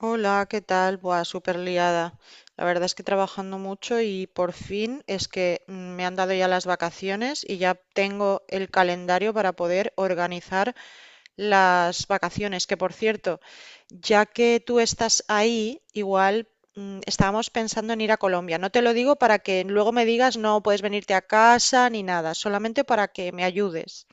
Hola, ¿qué tal? Buah, súper liada. La verdad es que trabajando mucho y por fin es que me han dado ya las vacaciones y ya tengo el calendario para poder organizar las vacaciones. Que por cierto, ya que tú estás ahí, igual estábamos pensando en ir a Colombia. No te lo digo para que luego me digas no puedes venirte a casa ni nada, solamente para que me ayudes.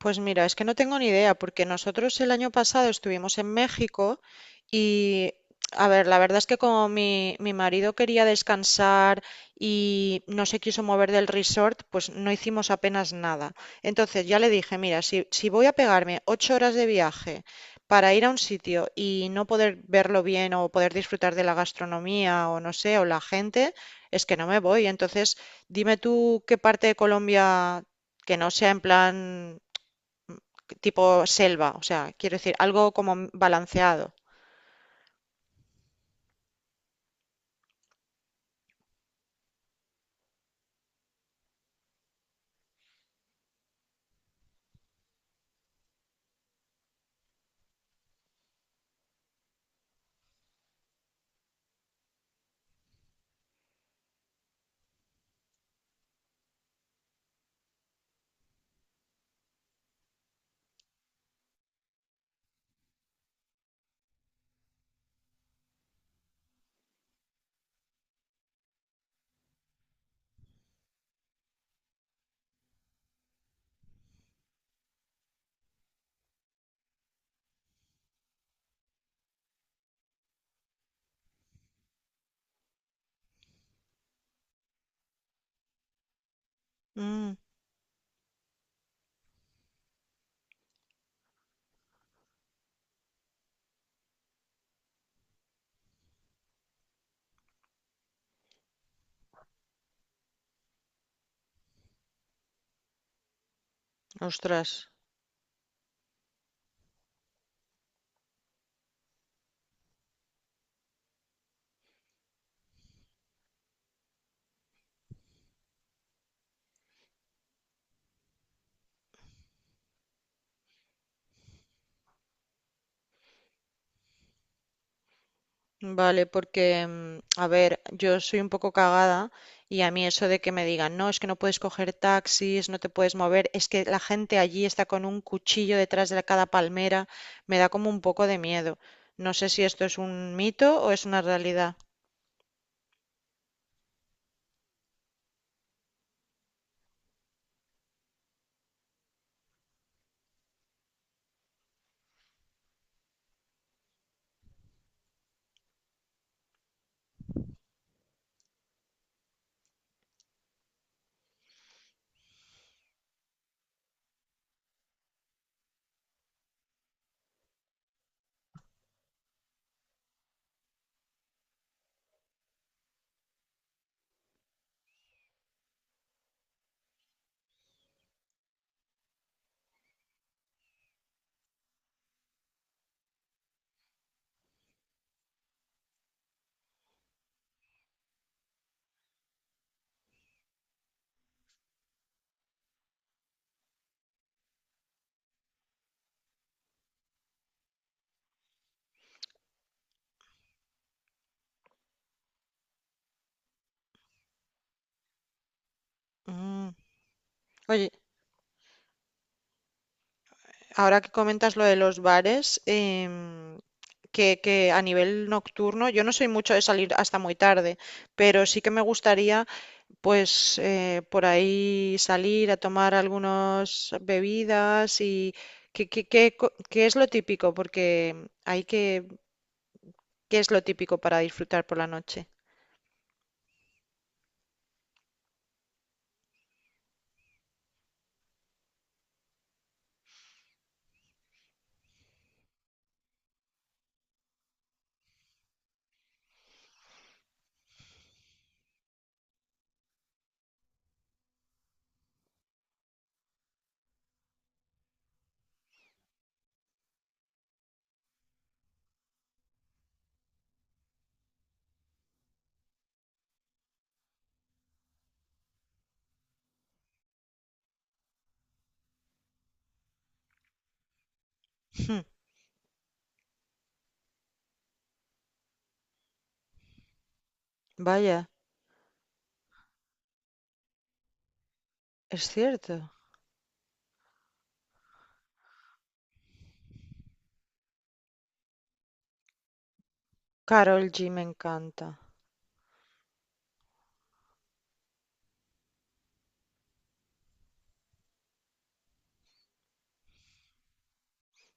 Pues mira, es que no tengo ni idea, porque nosotros el año pasado estuvimos en México y, a ver, la verdad es que como mi marido quería descansar y no se quiso mover del resort, pues no hicimos apenas nada. Entonces ya le dije, mira, si voy a pegarme 8 horas de viaje para ir a un sitio y no poder verlo bien o poder disfrutar de la gastronomía o no sé, o la gente, es que no me voy. Entonces, dime tú qué parte de Colombia que no sea en plan tipo selva, o sea, quiero decir, algo como balanceado. Mm, ostras, vale, porque, a ver, yo soy un poco cagada y a mí eso de que me digan, no, es que no puedes coger taxis, no te puedes mover, es que la gente allí está con un cuchillo detrás de cada palmera, me da como un poco de miedo. No sé si esto es un mito o es una realidad. Mm. Oye, ahora que comentas lo de los bares, que a nivel nocturno, yo no soy mucho de salir hasta muy tarde, pero sí que me gustaría, pues, por ahí salir a tomar algunas bebidas y ¿ qué es lo típico? Porque hay que, ¿qué es lo típico para disfrutar por la noche? Hmm, vaya, es cierto. Carol G me encanta.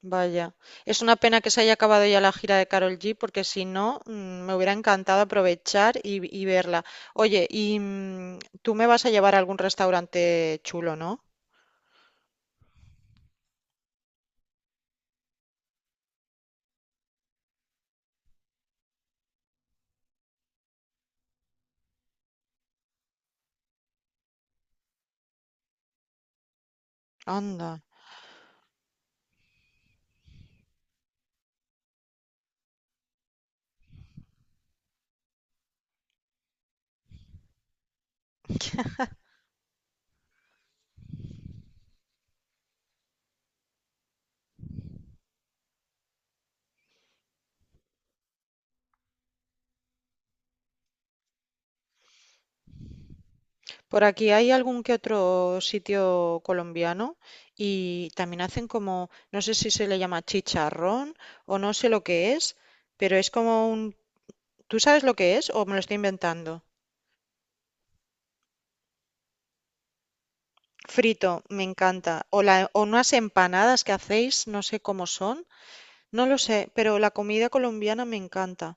Vaya, es una pena que se haya acabado ya la gira de Karol G, porque si no, me hubiera encantado aprovechar y verla. Oye, tú me vas a llevar a algún restaurante chulo, ¿no? Anda. Por aquí hay algún que otro sitio colombiano y también hacen como, no sé si se le llama chicharrón o no sé lo que es, pero es como un… ¿Tú sabes lo que es o me lo estoy inventando? Frito, me encanta. O, la, o unas empanadas que hacéis, no sé cómo son. No lo sé, pero la comida colombiana me encanta.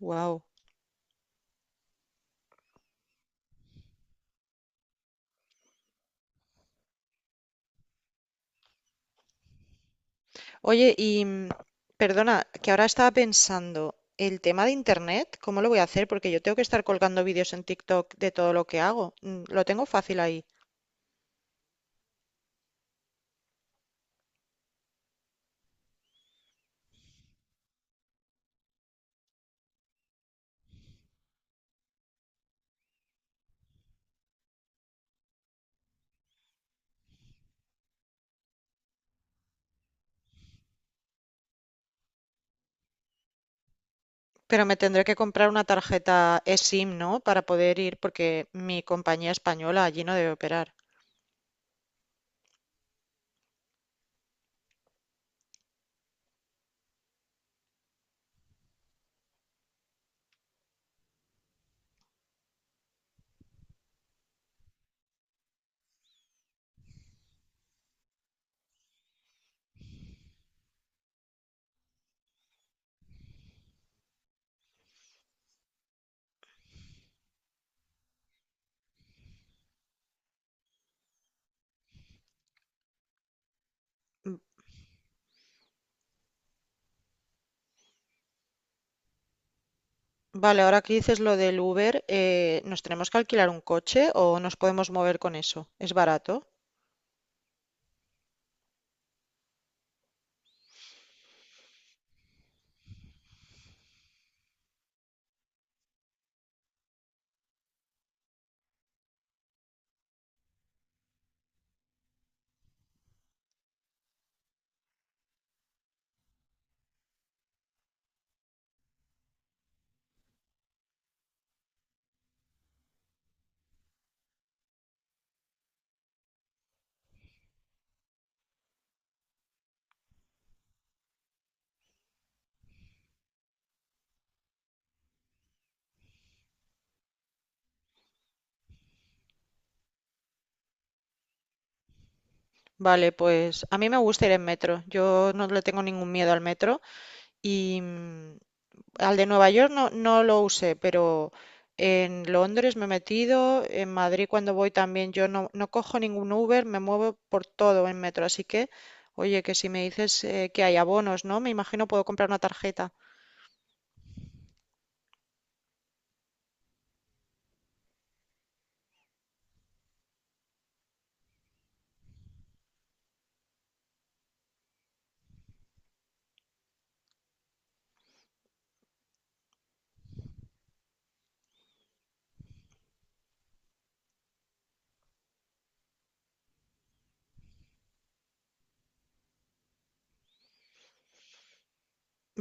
Wow. Oye, perdona, que ahora estaba pensando, el tema de internet, ¿cómo lo voy a hacer? Porque yo tengo que estar colgando vídeos en TikTok de todo lo que hago. Mm, lo tengo fácil ahí. Pero me tendré que comprar una tarjeta eSIM, ¿no? Para poder ir, porque mi compañía española allí no debe operar. Mm, vale, ahora que dices lo del Uber, ¿nos tenemos que alquilar un coche o nos podemos mover con eso? ¿Es barato? Vale, pues a mí me gusta ir en metro. Yo no le tengo ningún miedo al metro y al de Nueva York no lo usé, pero en Londres me he metido, en Madrid cuando voy también yo no cojo ningún Uber, me muevo por todo en metro. Así que, oye, que si me dices que hay abonos, ¿no? Me imagino puedo comprar una tarjeta.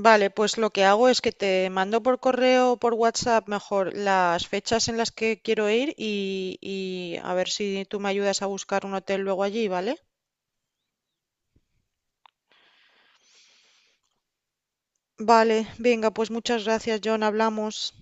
Vale, pues lo que hago es que te mando por correo o por WhatsApp mejor las fechas en las que quiero ir y a ver si tú me ayudas a buscar un hotel luego allí, ¿vale? Vale, venga pues muchas gracias John, hablamos.